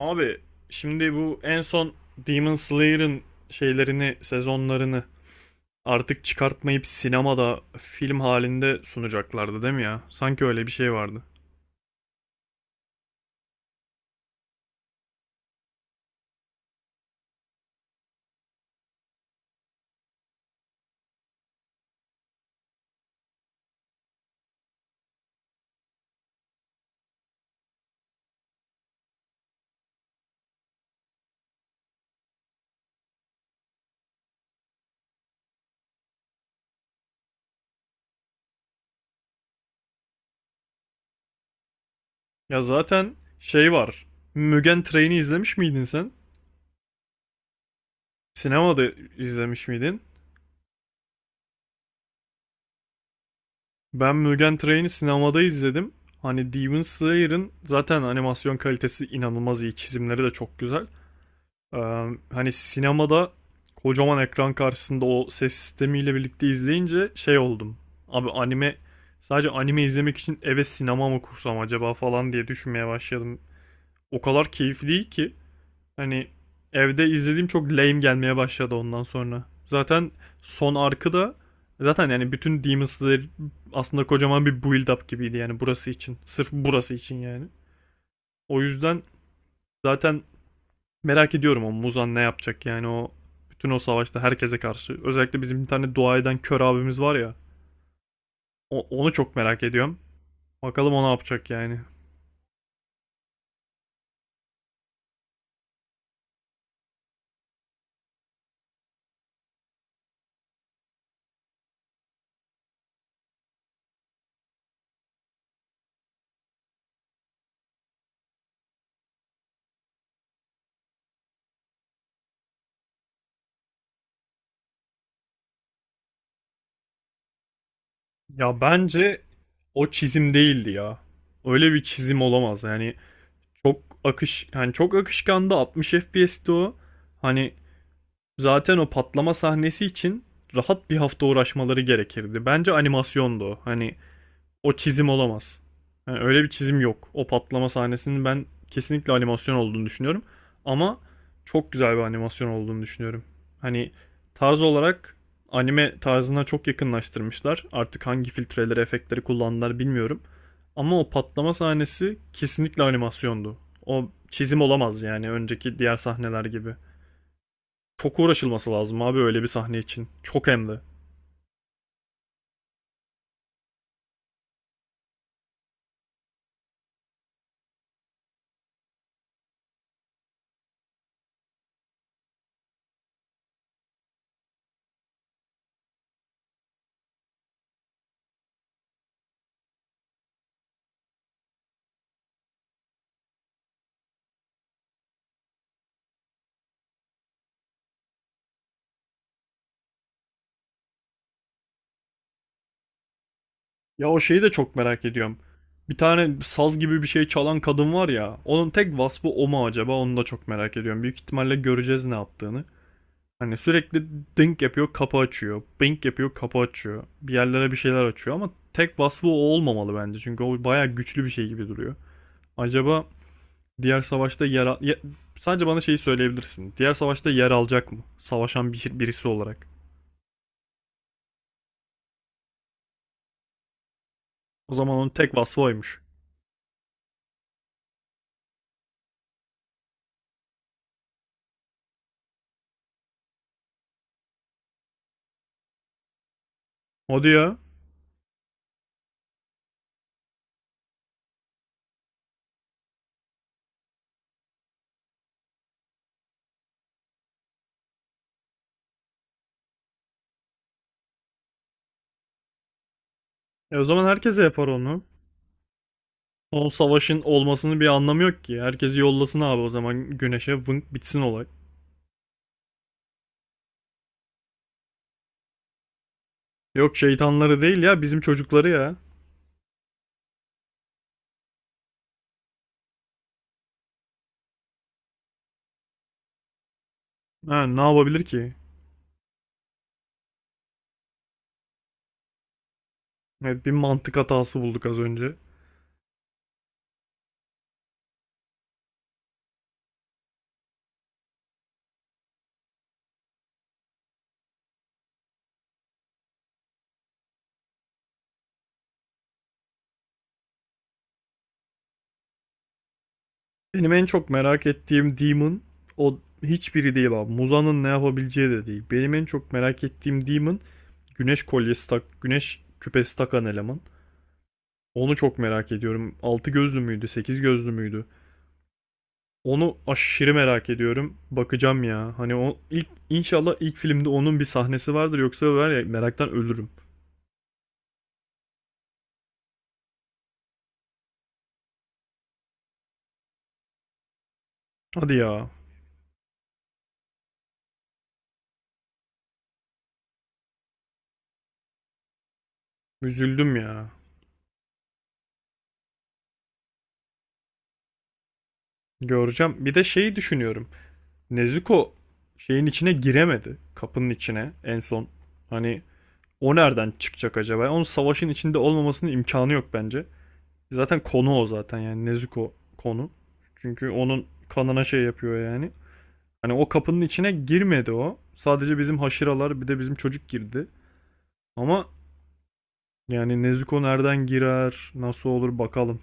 Abi, şimdi bu en son Demon Slayer'ın şeylerini, sezonlarını artık çıkartmayıp sinemada film halinde sunacaklardı değil mi ya? Sanki öyle bir şey vardı. Ya zaten şey var. Mugen Train'i izlemiş miydin sen? Sinemada izlemiş miydin? Ben Mugen Train'i sinemada izledim. Hani Demon Slayer'ın zaten animasyon kalitesi inanılmaz iyi. Çizimleri de çok güzel. Ee, Hani sinemada kocaman ekran karşısında o ses sistemiyle birlikte izleyince şey oldum. Abi anime, sadece anime izlemek için eve sinema mı kursam acaba falan diye düşünmeye başladım. O kadar keyifli değil ki, hani evde izlediğim çok lame gelmeye başladı ondan sonra. Zaten son arkı da zaten yani bütün Demon Slayer aslında kocaman bir build up gibiydi yani burası için. Sırf burası için yani. O yüzden zaten merak ediyorum o Muzan ne yapacak yani, o bütün o savaşta herkese karşı. Özellikle bizim bir tane dua eden kör abimiz var ya. Onu çok merak ediyorum. Bakalım o ne yapacak yani. Ya bence o çizim değildi ya. Öyle bir çizim olamaz. Yani çok akış yani çok akışkandı, 60 FPS'ti o. Hani zaten o patlama sahnesi için rahat bir hafta uğraşmaları gerekirdi. Bence animasyondu o. Hani o çizim olamaz. Yani öyle bir çizim yok. O patlama sahnesinin ben kesinlikle animasyon olduğunu düşünüyorum. Ama çok güzel bir animasyon olduğunu düşünüyorum. Hani tarz olarak anime tarzına çok yakınlaştırmışlar. Artık hangi filtreleri, efektleri kullandılar bilmiyorum. Ama o patlama sahnesi kesinlikle animasyondu. O çizim olamaz yani önceki diğer sahneler gibi. Çok uğraşılması lazım abi öyle bir sahne için. Çok hem de. Ya o şeyi de çok merak ediyorum. Bir tane saz gibi bir şey çalan kadın var ya. Onun tek vasfı o mu acaba? Onu da çok merak ediyorum. Büyük ihtimalle göreceğiz ne yaptığını. Hani sürekli dink yapıyor, kapı açıyor. Bink yapıyor, kapı açıyor. Bir yerlere bir şeyler açıyor ama tek vasfı o olmamalı bence. Çünkü o bayağı güçlü bir şey gibi duruyor. Acaba diğer savaşta yer al... ya- sadece bana şeyi söyleyebilirsin. Diğer savaşta yer alacak mı? Savaşan birisi olarak. O zaman onun tek vasfı oymuş. O diyor. E o zaman herkese yapar onu. O savaşın olmasının bir anlamı yok ki. Herkesi yollasın abi o zaman güneşe vınk bitsin olay. Yok, şeytanları değil ya, bizim çocukları ya. Ha, ne yapabilir ki? Evet, bir mantık hatası bulduk az önce. Benim en çok merak ettiğim Demon, o hiçbiri değil abi. Muzan'ın ne yapabileceği de değil. Benim en çok merak ettiğim Demon, güneş kolyesi tak, güneş küpesi takan eleman. Onu çok merak ediyorum. 6 gözlü müydü, sekiz gözlü müydü? Onu aşırı merak ediyorum. Bakacağım ya. Hani o ilk, inşallah ilk filmde onun bir sahnesi vardır yoksa var ya meraktan ölürüm. Hadi ya. Üzüldüm ya. Göreceğim. Bir de şeyi düşünüyorum. Nezuko şeyin içine giremedi. Kapının içine en son. Hani o nereden çıkacak acaba? Onun savaşın içinde olmamasının imkanı yok bence. Zaten konu o zaten yani Nezuko konu. Çünkü onun kanına şey yapıyor yani. Hani o kapının içine girmedi o. Sadece bizim haşıralar bir de bizim çocuk girdi. Ama yani Nezuko nereden girer, nasıl olur bakalım.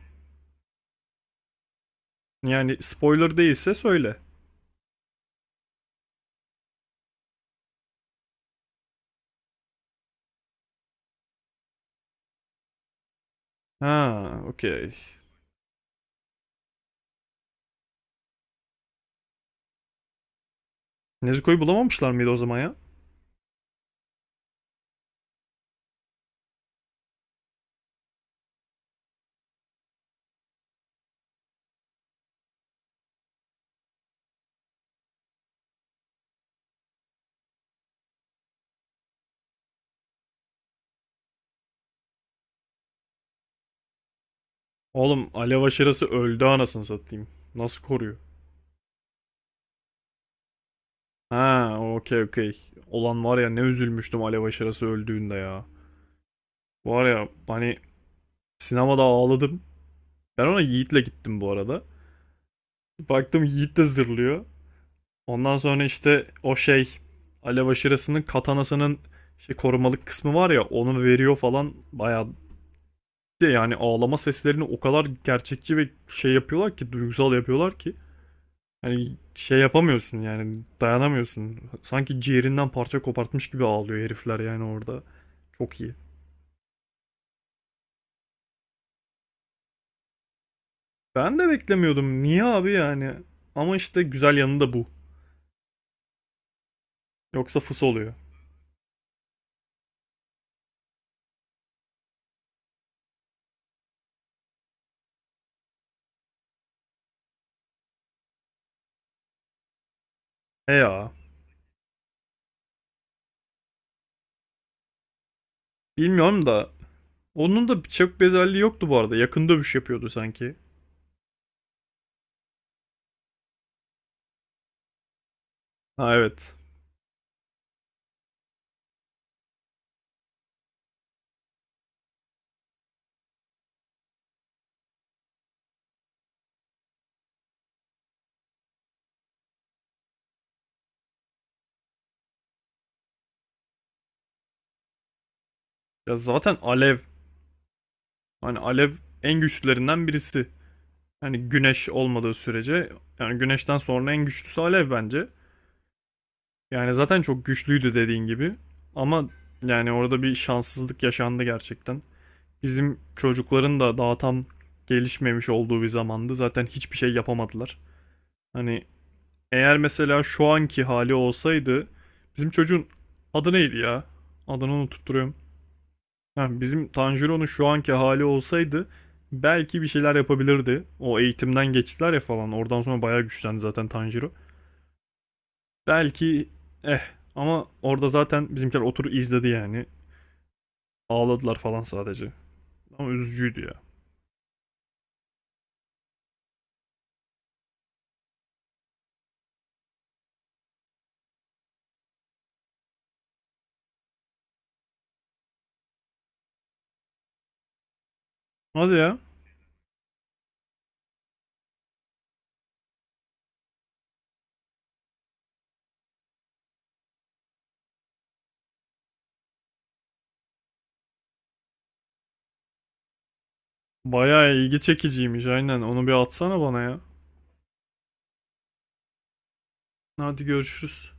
Yani spoiler değilse söyle. Ha, okey. Nezuko'yu bulamamışlar mıydı o zaman ya? Oğlum alev aşırısı öldü anasını satayım. Nasıl koruyor? Ha, okey okey. Olan var ya, ne üzülmüştüm alev aşırısı öldüğünde ya. Var ya hani sinemada ağladım. Ben ona Yiğit'le gittim bu arada. Baktım Yiğit de zırlıyor. Ondan sonra işte o şey, alev aşırısının katanasının şey korumalık kısmı var ya, onu veriyor falan bayağı. Bir de yani ağlama seslerini o kadar gerçekçi ve şey yapıyorlar ki, duygusal yapıyorlar ki, hani şey yapamıyorsun yani dayanamıyorsun. Sanki ciğerinden parça kopartmış gibi ağlıyor herifler yani orada. Çok iyi. Ben de beklemiyordum. Niye abi yani? Ama işte güzel yanı da bu. Yoksa fıs oluyor. E ya. Bilmiyorum da onun da çok bir özelliği yoktu bu arada. Yakın dövüş yapıyordu sanki. Ha evet. Ya zaten alev. Hani alev en güçlülerinden birisi. Yani güneş olmadığı sürece, yani güneşten sonra en güçlüsü alev bence. Yani zaten çok güçlüydü dediğin gibi. Ama yani orada bir şanssızlık yaşandı gerçekten. Bizim çocukların da daha tam gelişmemiş olduğu bir zamandı. Zaten hiçbir şey yapamadılar. Hani eğer mesela şu anki hali olsaydı, bizim çocuğun adı neydi ya? Adını unutup duruyorum. Ha, bizim Tanjiro'nun şu anki hali olsaydı belki bir şeyler yapabilirdi. O eğitimden geçtiler ya falan. Oradan sonra bayağı güçlendi zaten Tanjiro. Belki, eh, ama orada zaten bizimkiler oturup izledi yani. Ağladılar falan sadece. Ama üzücüydü ya. Hadi ya. Bayağı ilgi çekiciymiş aynen. Onu bir atsana bana ya. Hadi görüşürüz.